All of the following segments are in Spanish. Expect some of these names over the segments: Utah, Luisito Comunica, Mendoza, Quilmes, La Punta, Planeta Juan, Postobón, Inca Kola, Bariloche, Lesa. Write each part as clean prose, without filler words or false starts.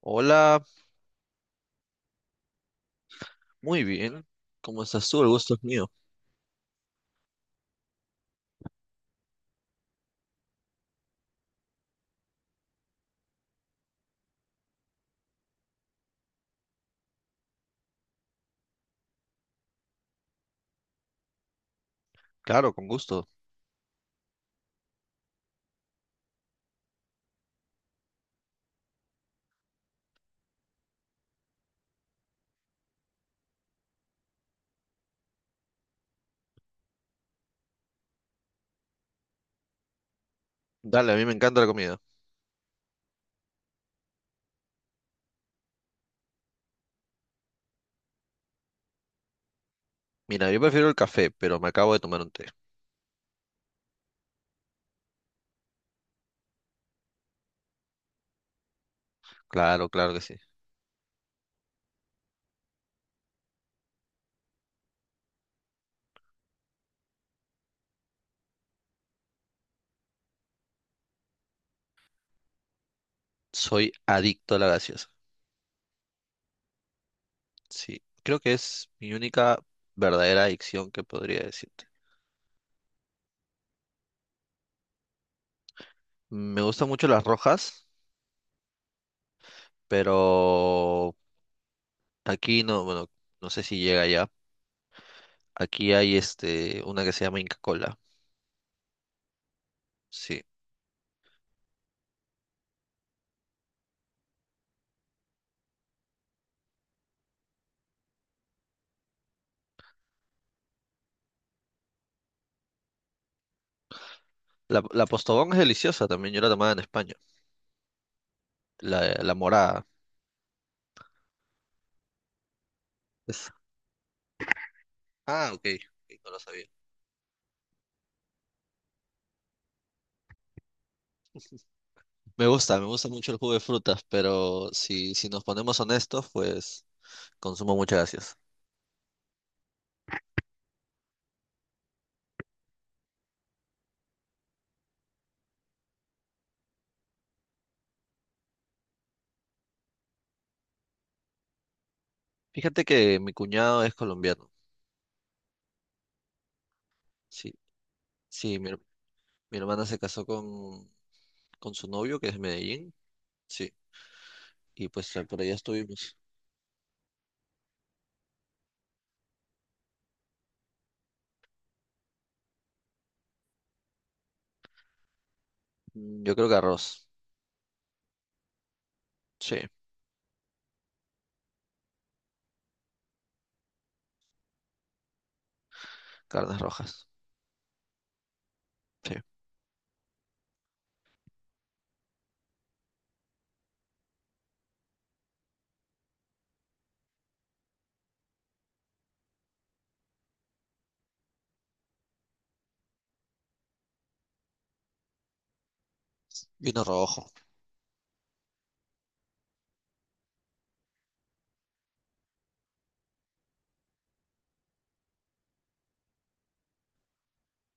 Hola, muy bien. ¿Cómo estás tú? El gusto es mío. Claro, con gusto. Dale, a mí me encanta la comida. Mira, yo prefiero el café, pero me acabo de tomar un té. Claro, claro que sí. Soy adicto a la gaseosa. Sí, creo que es mi única verdadera adicción que podría decirte. Me gustan mucho las rojas, pero aquí no, bueno, no sé si llega ya. Aquí hay este, una que se llama Inca Kola. Sí. La Postobón es deliciosa también, yo la tomaba en España. La morada. Ah, ok, ok, no lo sabía. Me gusta mucho el jugo de frutas, pero si nos ponemos honestos, pues consumo muchas gracias. Fíjate que mi cuñado es colombiano. Sí, sí, mi hermana se casó con su novio, que es de Medellín. Sí, y pues por allá estuvimos. Yo creo que arroz. Sí, carnes rojas. Sí, vino rojo,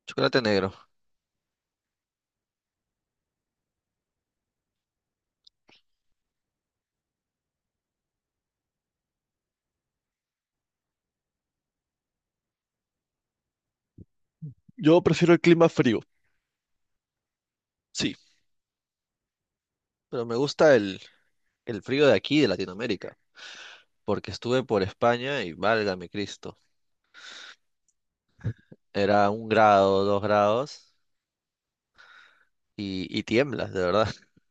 chocolate negro. Yo prefiero el clima frío. Sí. Pero me gusta el frío de aquí, de Latinoamérica, porque estuve por España y válgame Cristo. Era un grado, dos grados y tiemblas, de verdad.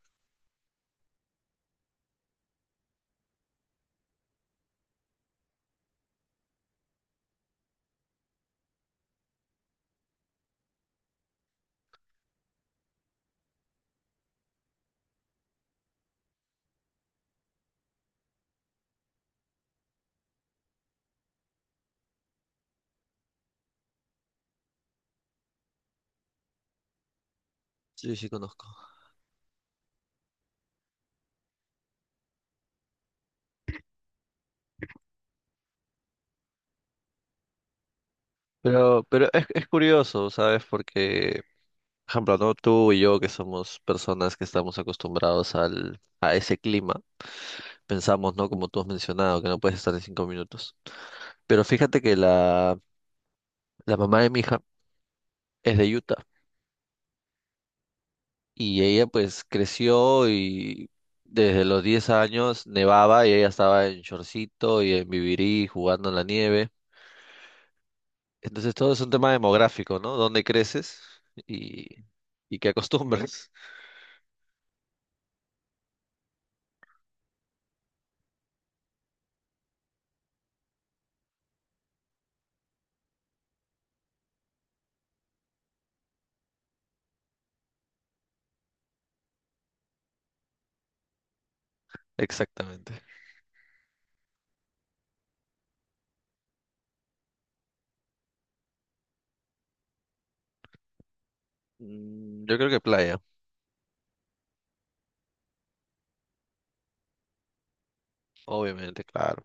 Sí, sí conozco. Pero es curioso, ¿sabes? Porque, por ejemplo, ¿no? Tú y yo, que somos personas que estamos acostumbrados a ese clima, pensamos, ¿no? Como tú has mencionado, que no puedes estar en 5 minutos. Pero fíjate que la mamá de mi hija es de Utah y ella pues creció y desde los 10 años nevaba y ella estaba en shortcito y en vivirí jugando en la nieve. Entonces todo es un tema demográfico, ¿no? ¿Dónde creces y, y qué acostumbras? Exactamente. Yo creo que playa, obviamente, claro.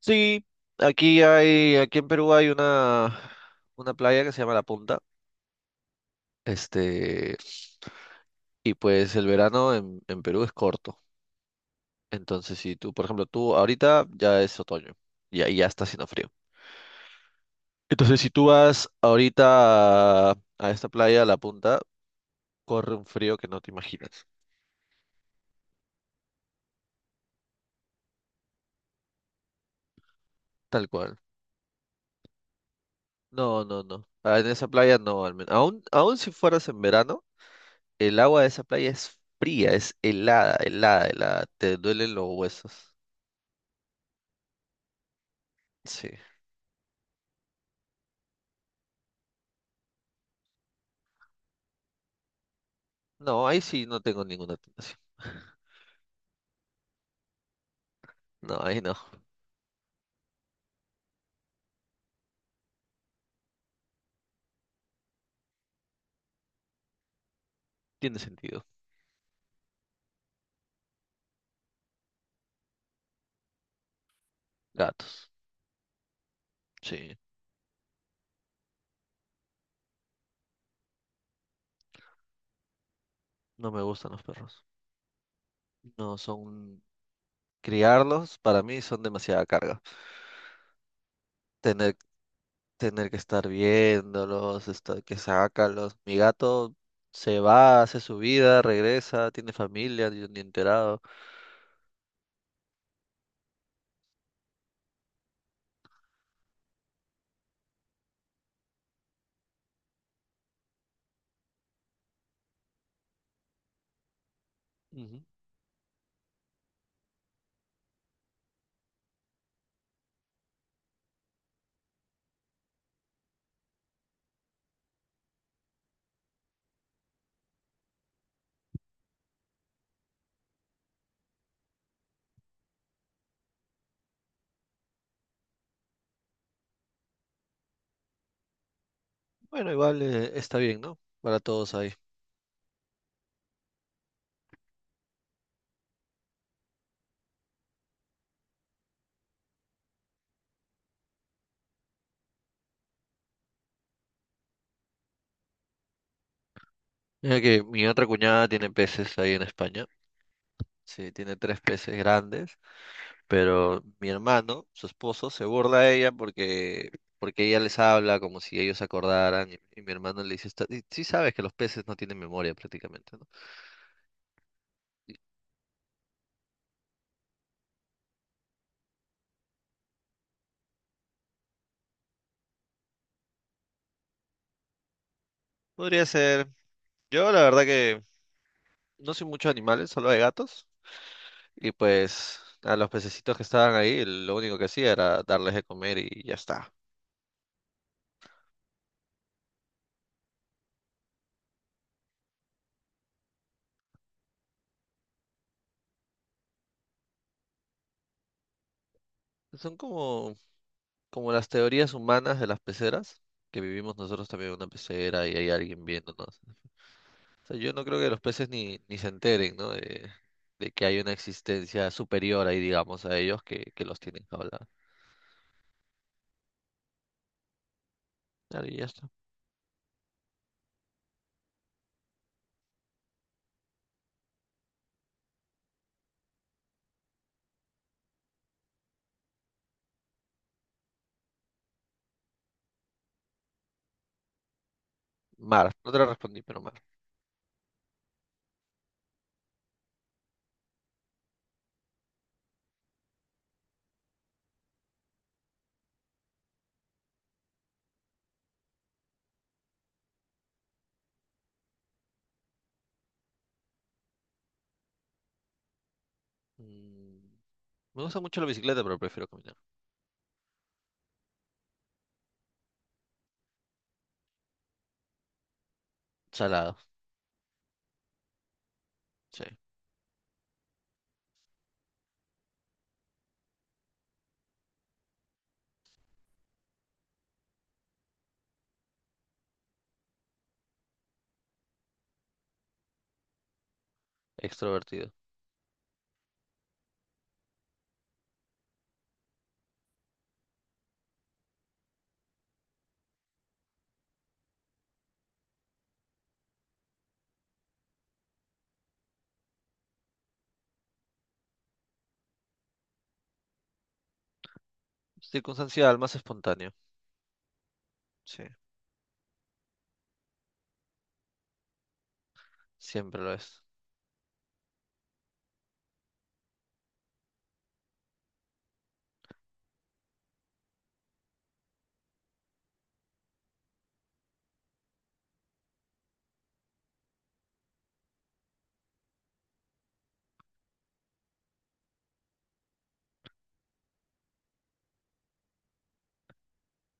Sí, aquí hay, aquí en Perú hay una playa que se llama La Punta. Este, y pues el verano en Perú es corto. Entonces, si tú, por ejemplo, tú ahorita ya es otoño y ahí ya está haciendo frío. Entonces, si tú vas ahorita a esta playa, a La Punta, corre un frío que no te imaginas. Tal cual. No, no, no. Ah, en esa playa no, al menos. Aún, aún si fueras en verano, el agua de esa playa es fría, es helada, helada, helada. Te duelen los huesos. Sí. No, ahí sí no tengo ninguna tentación. No, ahí no. Tiene sentido. Gatos. Sí. No me gustan los perros. No son... Criarlos para mí son demasiada carga. Tener, tener que estar viéndolos, estar, que sácalos. Mi gato se va, hace su vida, regresa, tiene familia, yo ni enterado. Ujú. Bueno, igual está bien, ¿no? Para todos ahí. Mira que mi otra cuñada tiene peces ahí en España. Sí, tiene tres peces grandes, pero mi hermano, su esposo, se burla de ella porque, porque ella les habla como si ellos se acordaran y mi hermano le dice, "Está- y sí sabes que los peces no tienen memoria prácticamente, ¿no? Podría ser. Yo la verdad que no soy mucho de animales, solo de gatos. Y pues a los pececitos que estaban ahí, lo único que hacía era darles de comer y ya está. Son como como las teorías humanas de las peceras, que vivimos nosotros también en una pecera y hay alguien viéndonos. O sea, yo no creo que los peces ni se enteren, ¿no? De que hay una existencia superior ahí, digamos, a ellos que los tienen que hablar. Claro, y ya está. Mar, no te lo respondí, pero mar. Mm, me gusta mucho la bicicleta, pero prefiero caminar. Salado, sí. Extrovertido. Circunstancial, más espontáneo. Sí, siempre lo es.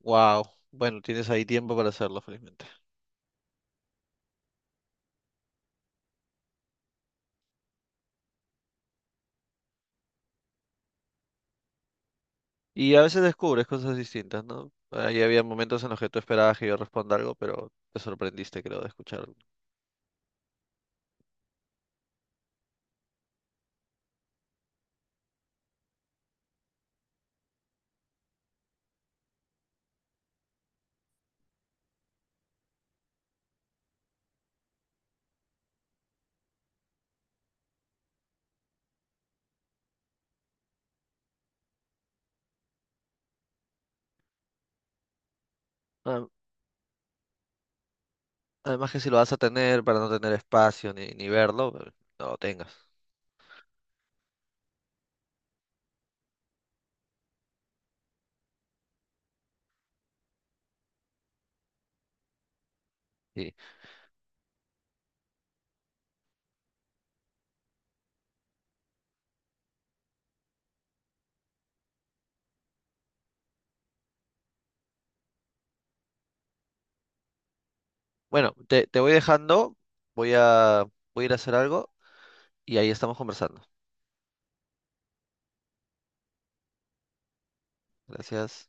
Wow. Bueno, tienes ahí tiempo para hacerlo, felizmente. Y a veces descubres cosas distintas, ¿no? Ahí había momentos en los que tú esperabas que yo responda algo, pero te sorprendiste, creo, de escucharlo. Ah, además que si lo vas a tener para no tener espacio ni verlo, no lo tengas. Sí. Bueno, te voy dejando, voy a, voy a ir a hacer algo y ahí estamos conversando. Gracias.